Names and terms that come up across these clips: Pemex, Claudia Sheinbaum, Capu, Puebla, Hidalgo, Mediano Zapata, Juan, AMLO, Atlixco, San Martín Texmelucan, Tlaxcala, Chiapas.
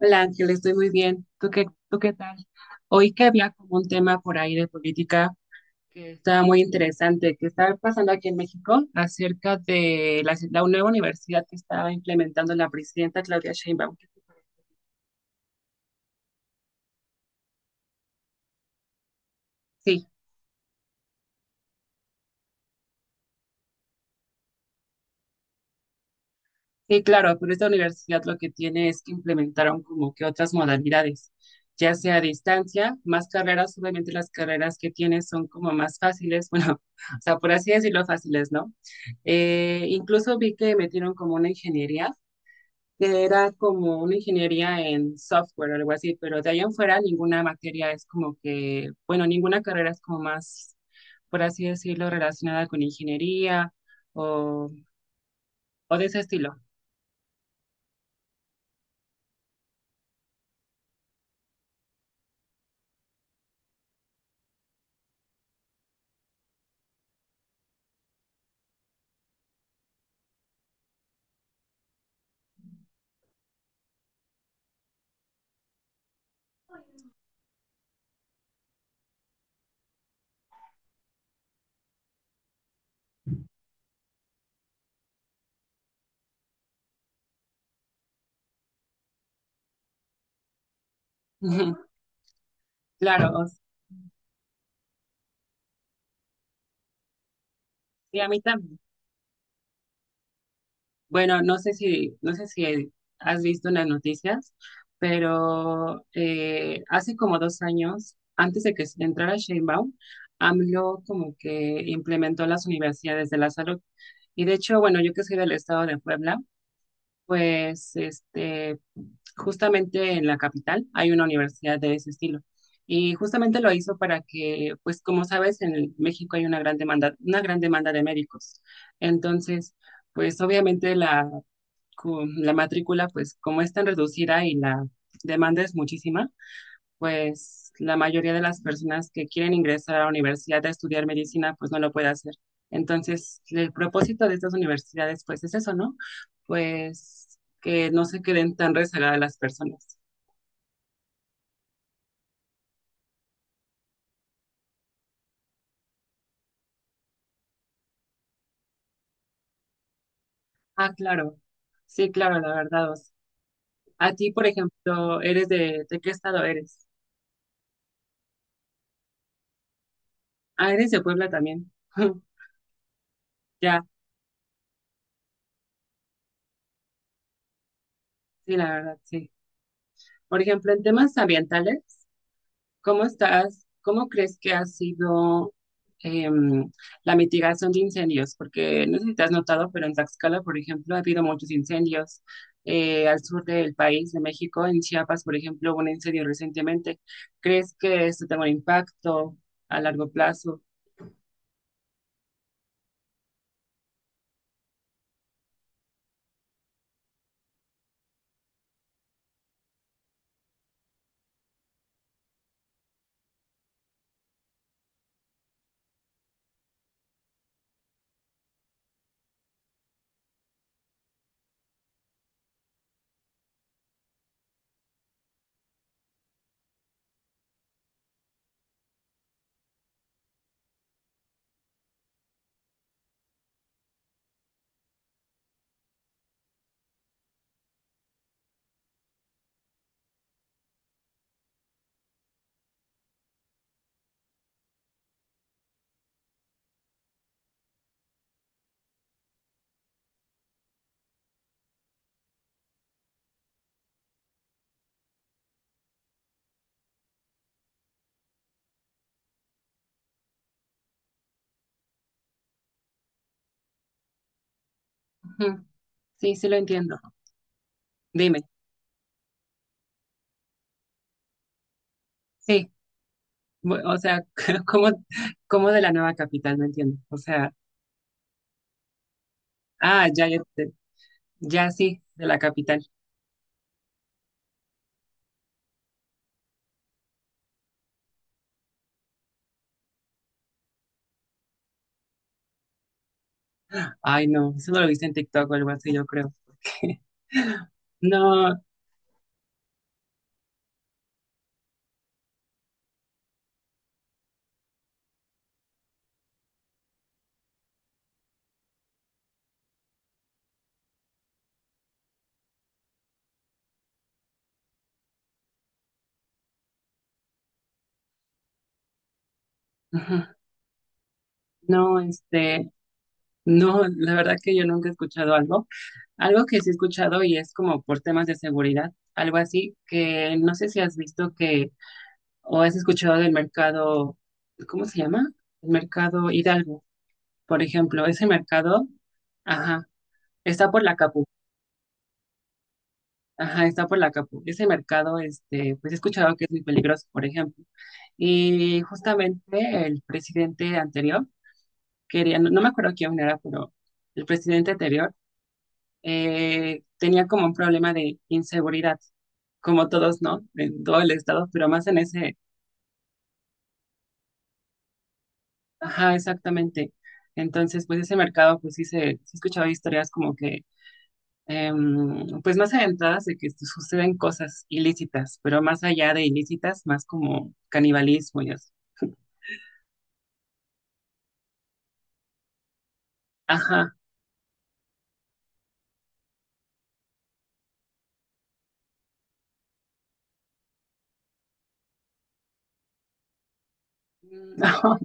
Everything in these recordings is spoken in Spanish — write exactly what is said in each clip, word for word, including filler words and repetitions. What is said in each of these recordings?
Hola Ángel, estoy muy bien. ¿Tú qué, tú qué tal? Oí que había como un tema por ahí de política que estaba muy interesante, que estaba pasando aquí en México acerca de la, la nueva universidad que estaba implementando la presidenta Claudia Sheinbaum. Sí. Sí, claro, pero esta universidad lo que tiene es que implementaron como que otras modalidades, ya sea a distancia, más carreras, obviamente las carreras que tienes son como más fáciles, bueno, o sea, por así decirlo, fáciles, ¿no? Eh, incluso vi que metieron como una ingeniería, que era como una ingeniería en software o algo así, pero de ahí en fuera ninguna materia es como que, bueno, ninguna carrera es como más, por así decirlo, relacionada con ingeniería o, o de ese estilo. Claro. Y a mí también. Bueno, no sé si, no sé si has visto en las noticias, pero eh, hace como dos años, antes de que entrara Sheinbaum, AMLO como que implementó las universidades de la salud. Y de hecho, bueno, yo que soy del estado de Puebla, pues este, justamente en la capital hay una universidad de ese estilo. Y justamente lo hizo para que, pues como sabes, en el- México hay una gran demanda, una gran demanda de médicos. Entonces, pues obviamente la, cu- la matrícula, pues como es tan reducida y la demanda es muchísima, pues la mayoría de las personas que quieren ingresar a la universidad a estudiar medicina, pues no lo puede hacer. Entonces, el propósito de estas universidades, pues es eso, ¿no? Pues que no se queden tan rezagadas las personas. Ah, claro. Sí, claro, la verdad, o sea, a ti, por ejemplo, ¿eres de, de qué estado eres? Ah, eres de Puebla también. Ya, sí, la verdad, sí. Por ejemplo, en temas ambientales, ¿cómo estás? ¿Cómo crees que ha sido em, la mitigación de incendios? Porque no sé si te has notado, pero en Tlaxcala, por ejemplo, ha habido muchos incendios. Eh, al sur del país, de México, en Chiapas, por ejemplo, hubo un incendio recientemente. ¿Crees que esto tenga un impacto a largo plazo? Sí, sí lo entiendo. Dime, sí, bu- o sea, ¿cómo, cómo de la nueva capital? No entiendo. O sea, ah, ya, ya, te- ya sí, de la capital. Ay, no, eso no lo viste en TikTok o algo así, yo creo. No, ujú, no, este, no, la verdad que yo nunca he escuchado algo. Algo que sí he escuchado y es como por temas de seguridad, algo así, que no sé si has visto que o has escuchado del mercado, ¿cómo se llama? El mercado Hidalgo. Por ejemplo, ese mercado, ajá, está por la Capu, ajá, está por la Capu. Ese mercado, este, pues he escuchado que es muy peligroso, por ejemplo. Y justamente el presidente anterior quería, no, no me acuerdo quién era, pero el presidente anterior eh, tenía como un problema de inseguridad, como todos, ¿no? En todo el estado, pero más en ese, ajá, exactamente. Entonces, pues ese mercado, pues sí se, sí he escuchado historias como que em, pues más aventadas de que este, suceden cosas ilícitas, pero más allá de ilícitas, más como canibalismo y así. Ajá. No,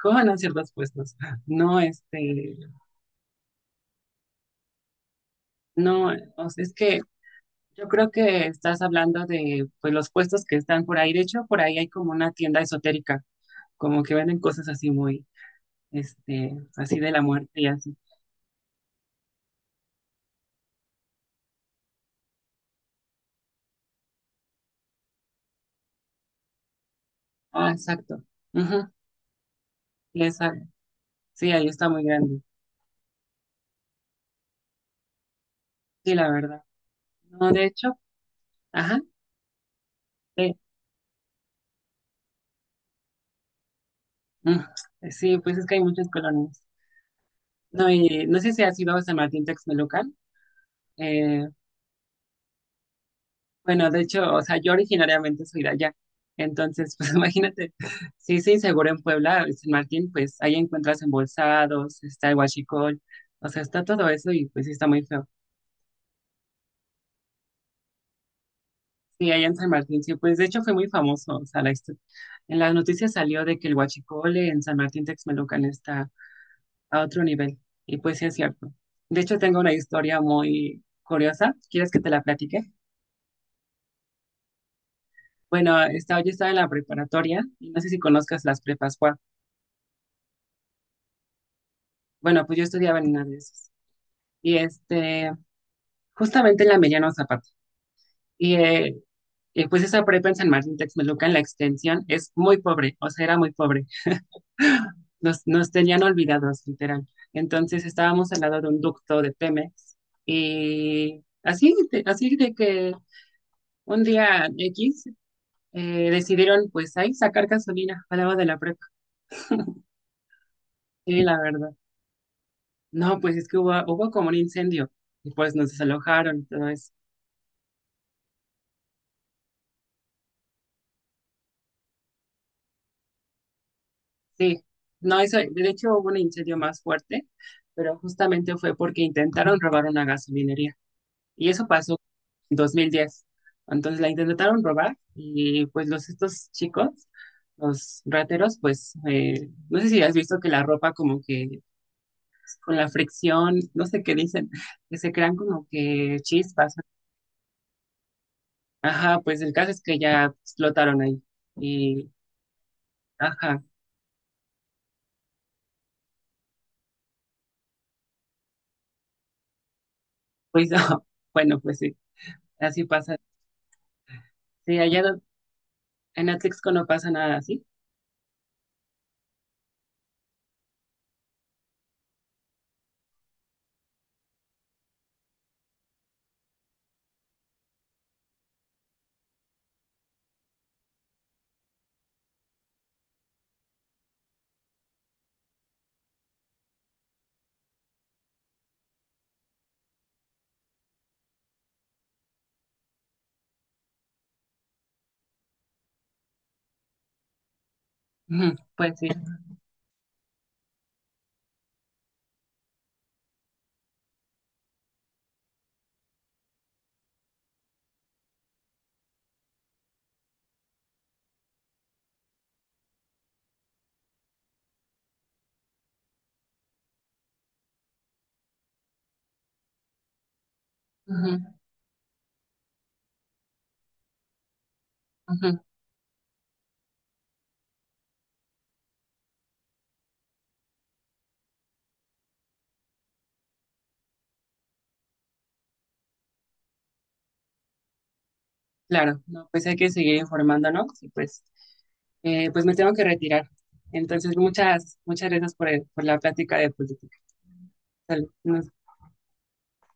¿cómo van a ciertos puestos? No, no, este, no, o sea, es que yo creo que estás hablando de, pues, los puestos que están por ahí. De hecho, por ahí hay como una tienda esotérica, como que venden cosas así muy, este, así de la muerte y así. Ah, exacto. Ujú, y esa- sí, ahí está muy grande. Sí, la verdad. No, de hecho, ajá. eh, Mm, sí, pues es que hay muchas colonias. No, y no sé si has ido a San Martín Texmelucan. Eh, bueno, de hecho, o sea, yo originariamente soy de allá. Entonces, pues imagínate, sí, sí, seguro en Puebla, en San Martín, pues ahí encuentras embolsados, está el huachicol, o sea, está todo eso y pues sí está muy feo. Sí, allá en San Martín, sí, pues de hecho fue muy famoso, o sea, la histo- en las noticias salió de que el huachicol en San Martín Texmelucan está a otro nivel. Y pues sí es cierto. De hecho, tengo una historia muy curiosa. ¿Quieres que te la platique? Bueno, estaba, yo estaba en la preparatoria y no sé si conozcas las prepas Juan. Bueno, pues yo estudiaba en una de esas. Y este, justamente en la Mediano Zapata. Y eh, eh, pues esa prepa en San Martín Texmelucan, la extensión, es muy pobre, o sea, era muy pobre. Nos, nos tenían olvidados, literal. Entonces estábamos al lado de un ducto de Pemex y así, de- así de que un día X eh, decidieron pues ahí sacar gasolina al lado de la prepa. Sí, la verdad. No, pues es que hubo, hubo como un incendio y pues nos desalojaron. Entonces, sí, no, eso, de hecho hubo un incendio más fuerte, pero justamente fue porque intentaron robar una gasolinería y eso pasó en dos mil diez. Entonces la intentaron robar y pues los estos chicos, los rateros, pues eh, no sé si has visto que la ropa como que con la fricción, no sé qué dicen, que se crean como que chispas. Ajá, pues el caso es que ya explotaron ahí. Y, ajá, pues bueno, pues sí, así pasa. Sí, allá do- en Atlixco no pasa nada así. Ujú. Pues sí. Ujú, ujú. Claro, no, pues hay que seguir informándonos y pues, eh, pues me tengo que retirar. Entonces, muchas, muchas gracias por, el- por la plática de política. Salud. Nos